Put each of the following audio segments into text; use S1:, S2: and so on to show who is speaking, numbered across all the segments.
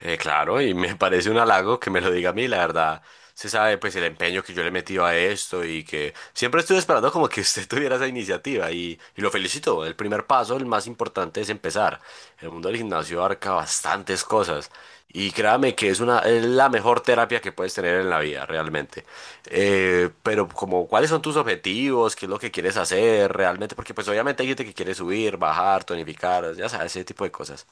S1: Claro, y me parece un halago que me lo diga a mí, la verdad. Se sabe pues el empeño que yo le he metido a esto y que siempre estuve esperando como que usted tuviera esa iniciativa y lo felicito. El primer paso, el más importante es empezar. El mundo del gimnasio abarca bastantes cosas y créame que es una, es la mejor terapia que puedes tener en la vida, realmente. Pero como, ¿cuáles son tus objetivos? ¿Qué es lo que quieres hacer realmente? Porque pues obviamente hay gente que quiere subir, bajar, tonificar, ya sabes, ese tipo de cosas.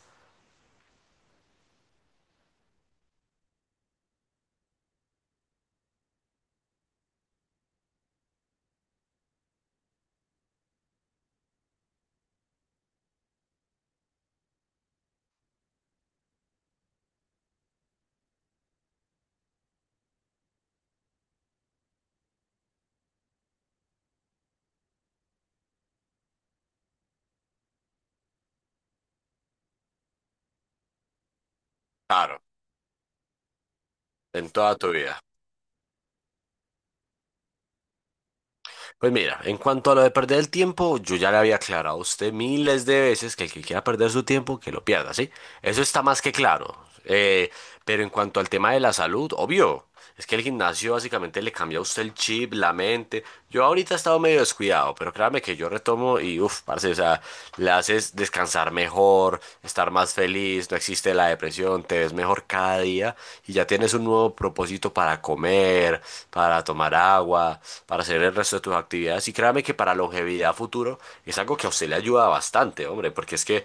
S1: Claro, en toda tu vida. Pues mira, en cuanto a lo de perder el tiempo, yo ya le había aclarado a usted miles de veces que el que quiera perder su tiempo, que lo pierda, ¿sí? Eso está más que claro. Eh, pero en cuanto al tema de la salud, obvio, es que el gimnasio básicamente le cambia a usted el chip, la mente. Yo ahorita he estado medio descuidado, pero créame que yo retomo y uff, parce, o sea, le haces descansar mejor, estar más feliz, no existe la depresión, te ves mejor cada día y ya tienes un nuevo propósito para comer, para tomar agua, para hacer el resto de tus actividades. Y créame que para longevidad futuro es algo que a usted le ayuda bastante, hombre, porque es que.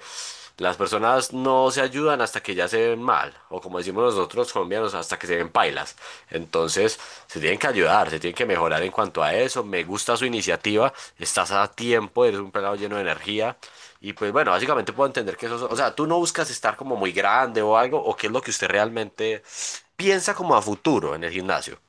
S1: Las personas no se ayudan hasta que ya se ven mal, o como decimos nosotros colombianos, hasta que se ven pailas. Entonces, se tienen que ayudar, se tienen que mejorar en cuanto a eso. Me gusta su iniciativa, estás a tiempo, eres un pelado lleno de energía. Y pues bueno, básicamente puedo entender que eso, es- o sea, tú no buscas estar como muy grande o algo, o qué es lo que usted realmente piensa como a futuro en el gimnasio.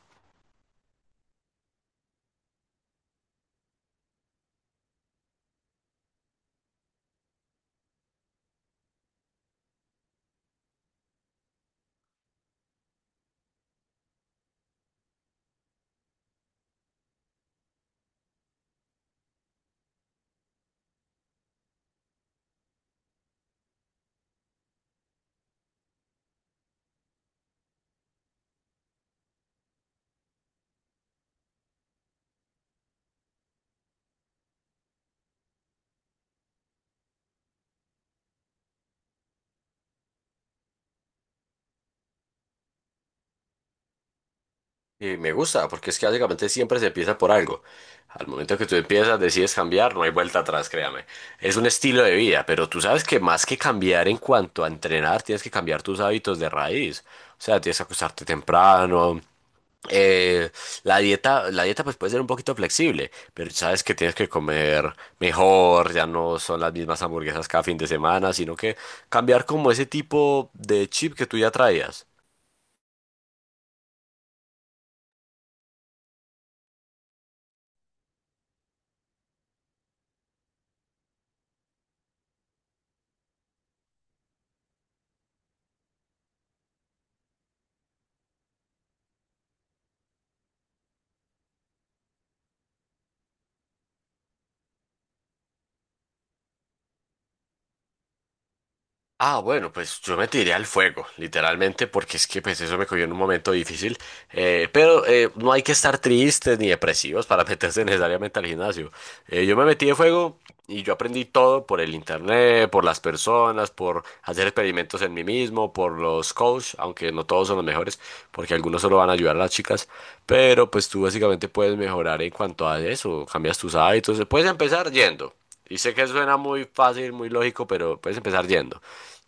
S1: Y me gusta, porque es que básicamente siempre se empieza por algo. Al momento que tú empiezas, decides cambiar, no hay vuelta atrás, créame. Es un estilo de vida, pero tú sabes que más que cambiar en cuanto a entrenar, tienes que cambiar tus hábitos de raíz. O sea, tienes que acostarte temprano. eh, la dieta, la dieta pues puede ser un poquito flexible, pero sabes que tienes que comer mejor, ya no son las mismas hamburguesas cada fin de semana, sino que cambiar como ese tipo de chip que tú ya traías. Ah, bueno, pues yo me tiré al fuego, literalmente, porque es que pues eso me cogió en un momento difícil. Pero no hay que estar tristes ni depresivos para meterse necesariamente al gimnasio. Yo me metí de fuego y yo aprendí todo por el internet, por las personas, por hacer experimentos en mí mismo, por los coaches, aunque no todos son los mejores, porque algunos solo van a ayudar a las chicas. Pero pues tú básicamente puedes mejorar en cuanto a eso, cambias tus hábitos, puedes empezar yendo. Y sé que suena muy fácil, muy lógico, pero puedes empezar yendo.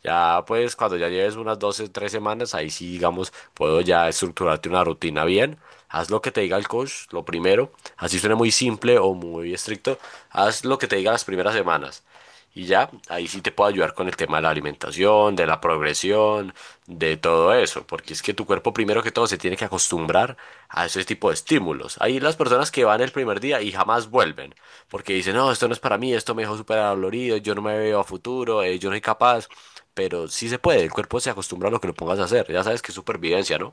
S1: Ya pues cuando ya lleves unas 12, 3 semanas, ahí sí, digamos, puedo ya estructurarte una rutina bien. Haz lo que te diga el coach, lo primero. Así suena muy simple o muy estricto. Haz lo que te diga las primeras semanas. Y ya, ahí sí te puedo ayudar con el tema de la alimentación, de la progresión, de todo eso, porque es que tu cuerpo primero que todo se tiene que acostumbrar a ese tipo de estímulos. Hay las personas que van el primer día y jamás vuelven, porque dicen, no, esto no es para mí, esto me dejó súper dolorido, yo no me veo a futuro, yo no soy capaz, pero sí se puede, el cuerpo se acostumbra a lo que lo pongas a hacer, ya sabes que es supervivencia, ¿no?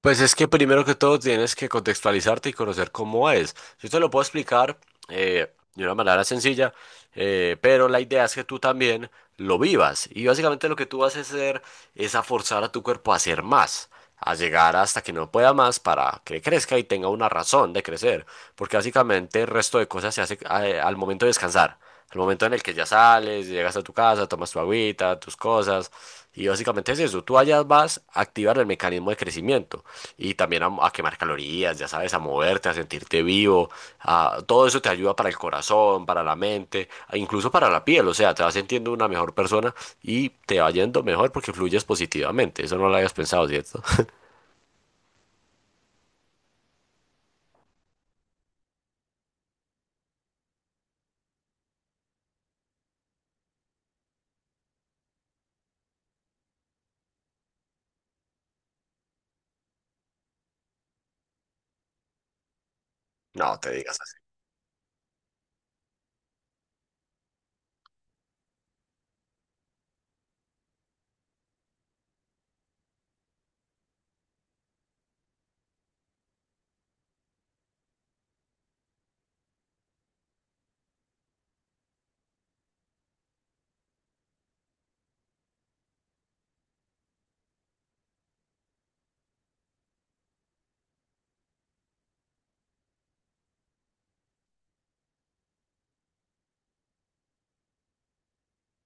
S1: Pues es que primero que todo tienes que contextualizarte y conocer cómo es. Yo te lo puedo explicar de una manera sencilla, pero la idea es que tú también lo vivas. Y básicamente lo que tú vas a hacer es a forzar a tu cuerpo a hacer más, a llegar hasta que no pueda más para que crezca y tenga una razón de crecer. Porque básicamente el resto de cosas se hace al momento de descansar. El momento en el que ya sales, llegas a tu casa, tomas tu agüita, tus cosas, y básicamente es eso. Tú allá vas a activar el mecanismo de crecimiento y también a quemar calorías, ya sabes, a moverte, a sentirte vivo. Todo eso te ayuda para el corazón, para la mente, e incluso para la piel. O sea, te vas sintiendo una mejor persona y te va yendo mejor porque fluyes positivamente. Eso no lo habías pensado, ¿cierto? No, te digas así.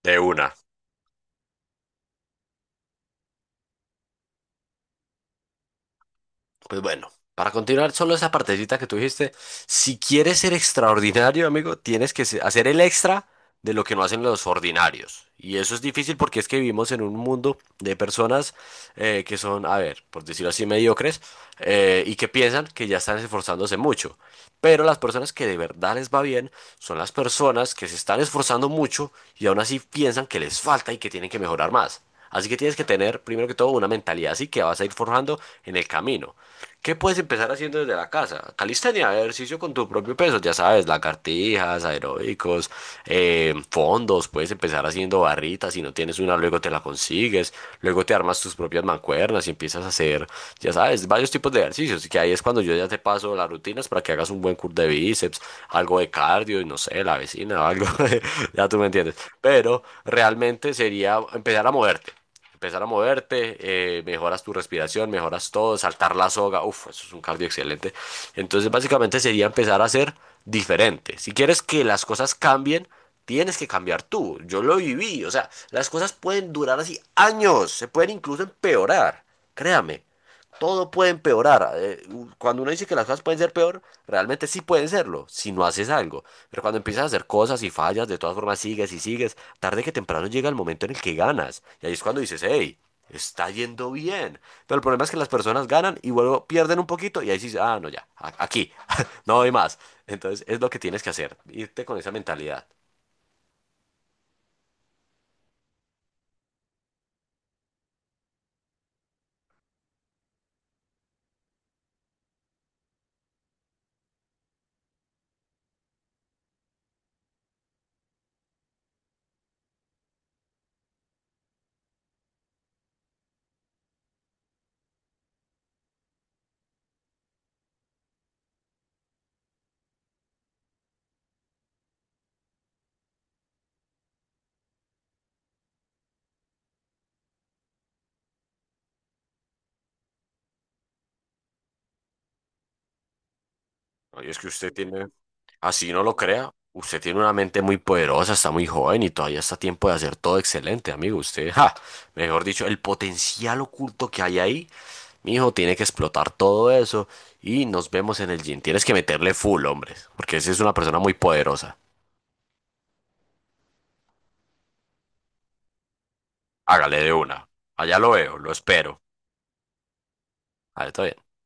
S1: De una. Pues bueno, para continuar, solo esa partecita que tú dijiste, si quieres ser extraordinario, amigo, tienes que hacer el extra de lo que no hacen los ordinarios. Y eso es difícil porque es que vivimos en un mundo de personas que son, a ver, por decirlo así, mediocres y que piensan que ya están esforzándose mucho. Pero las personas que de verdad les va bien son las personas que se están esforzando mucho y aún así piensan que les falta y que tienen que mejorar más. Así que tienes que tener, primero que todo, una mentalidad así que vas a ir forjando en el camino. ¿Qué puedes empezar haciendo desde la casa? Calistenia, ejercicio con tu propio peso, ya sabes, lagartijas, aeróbicos, fondos, puedes empezar haciendo barritas, si no tienes una, luego te la consigues, luego te armas tus propias mancuernas y empiezas a hacer, ya sabes, varios tipos de ejercicios, y que ahí es cuando yo ya te paso las rutinas para que hagas un buen curl de bíceps, algo de cardio y no sé, la vecina o algo, ya tú me entiendes. Pero realmente sería empezar a moverte, mejoras tu respiración, mejoras todo, saltar la soga, uff, eso es un cardio excelente. Entonces básicamente sería empezar a ser diferente. Si quieres que las cosas cambien, tienes que cambiar tú. Yo lo viví, o sea, las cosas pueden durar así años, se pueden incluso empeorar, créame todo puede empeorar. Cuando uno dice que las cosas pueden ser peor, realmente sí pueden serlo, si no haces algo. Pero cuando empiezas a hacer cosas y fallas, de todas formas sigues y sigues, tarde que temprano llega el momento en el que ganas. Y ahí es cuando dices, hey, está yendo bien. Pero el problema es que las personas ganan y luego pierden un poquito y ahí dices, ah, no, ya, aquí, no hay más. Entonces es lo que tienes que hacer, irte con esa mentalidad. Oye, es que usted tiene. Así no lo crea. Usted tiene una mente muy poderosa, está muy joven y todavía está a tiempo de hacer todo excelente, amigo. Usted, ja, mejor dicho, el potencial oculto que hay ahí, mi hijo tiene que explotar todo eso y nos vemos en el gym. Tienes que meterle full, hombre, porque ese es una persona muy poderosa. Hágale de una. Allá lo veo, lo espero. A ver, está bien.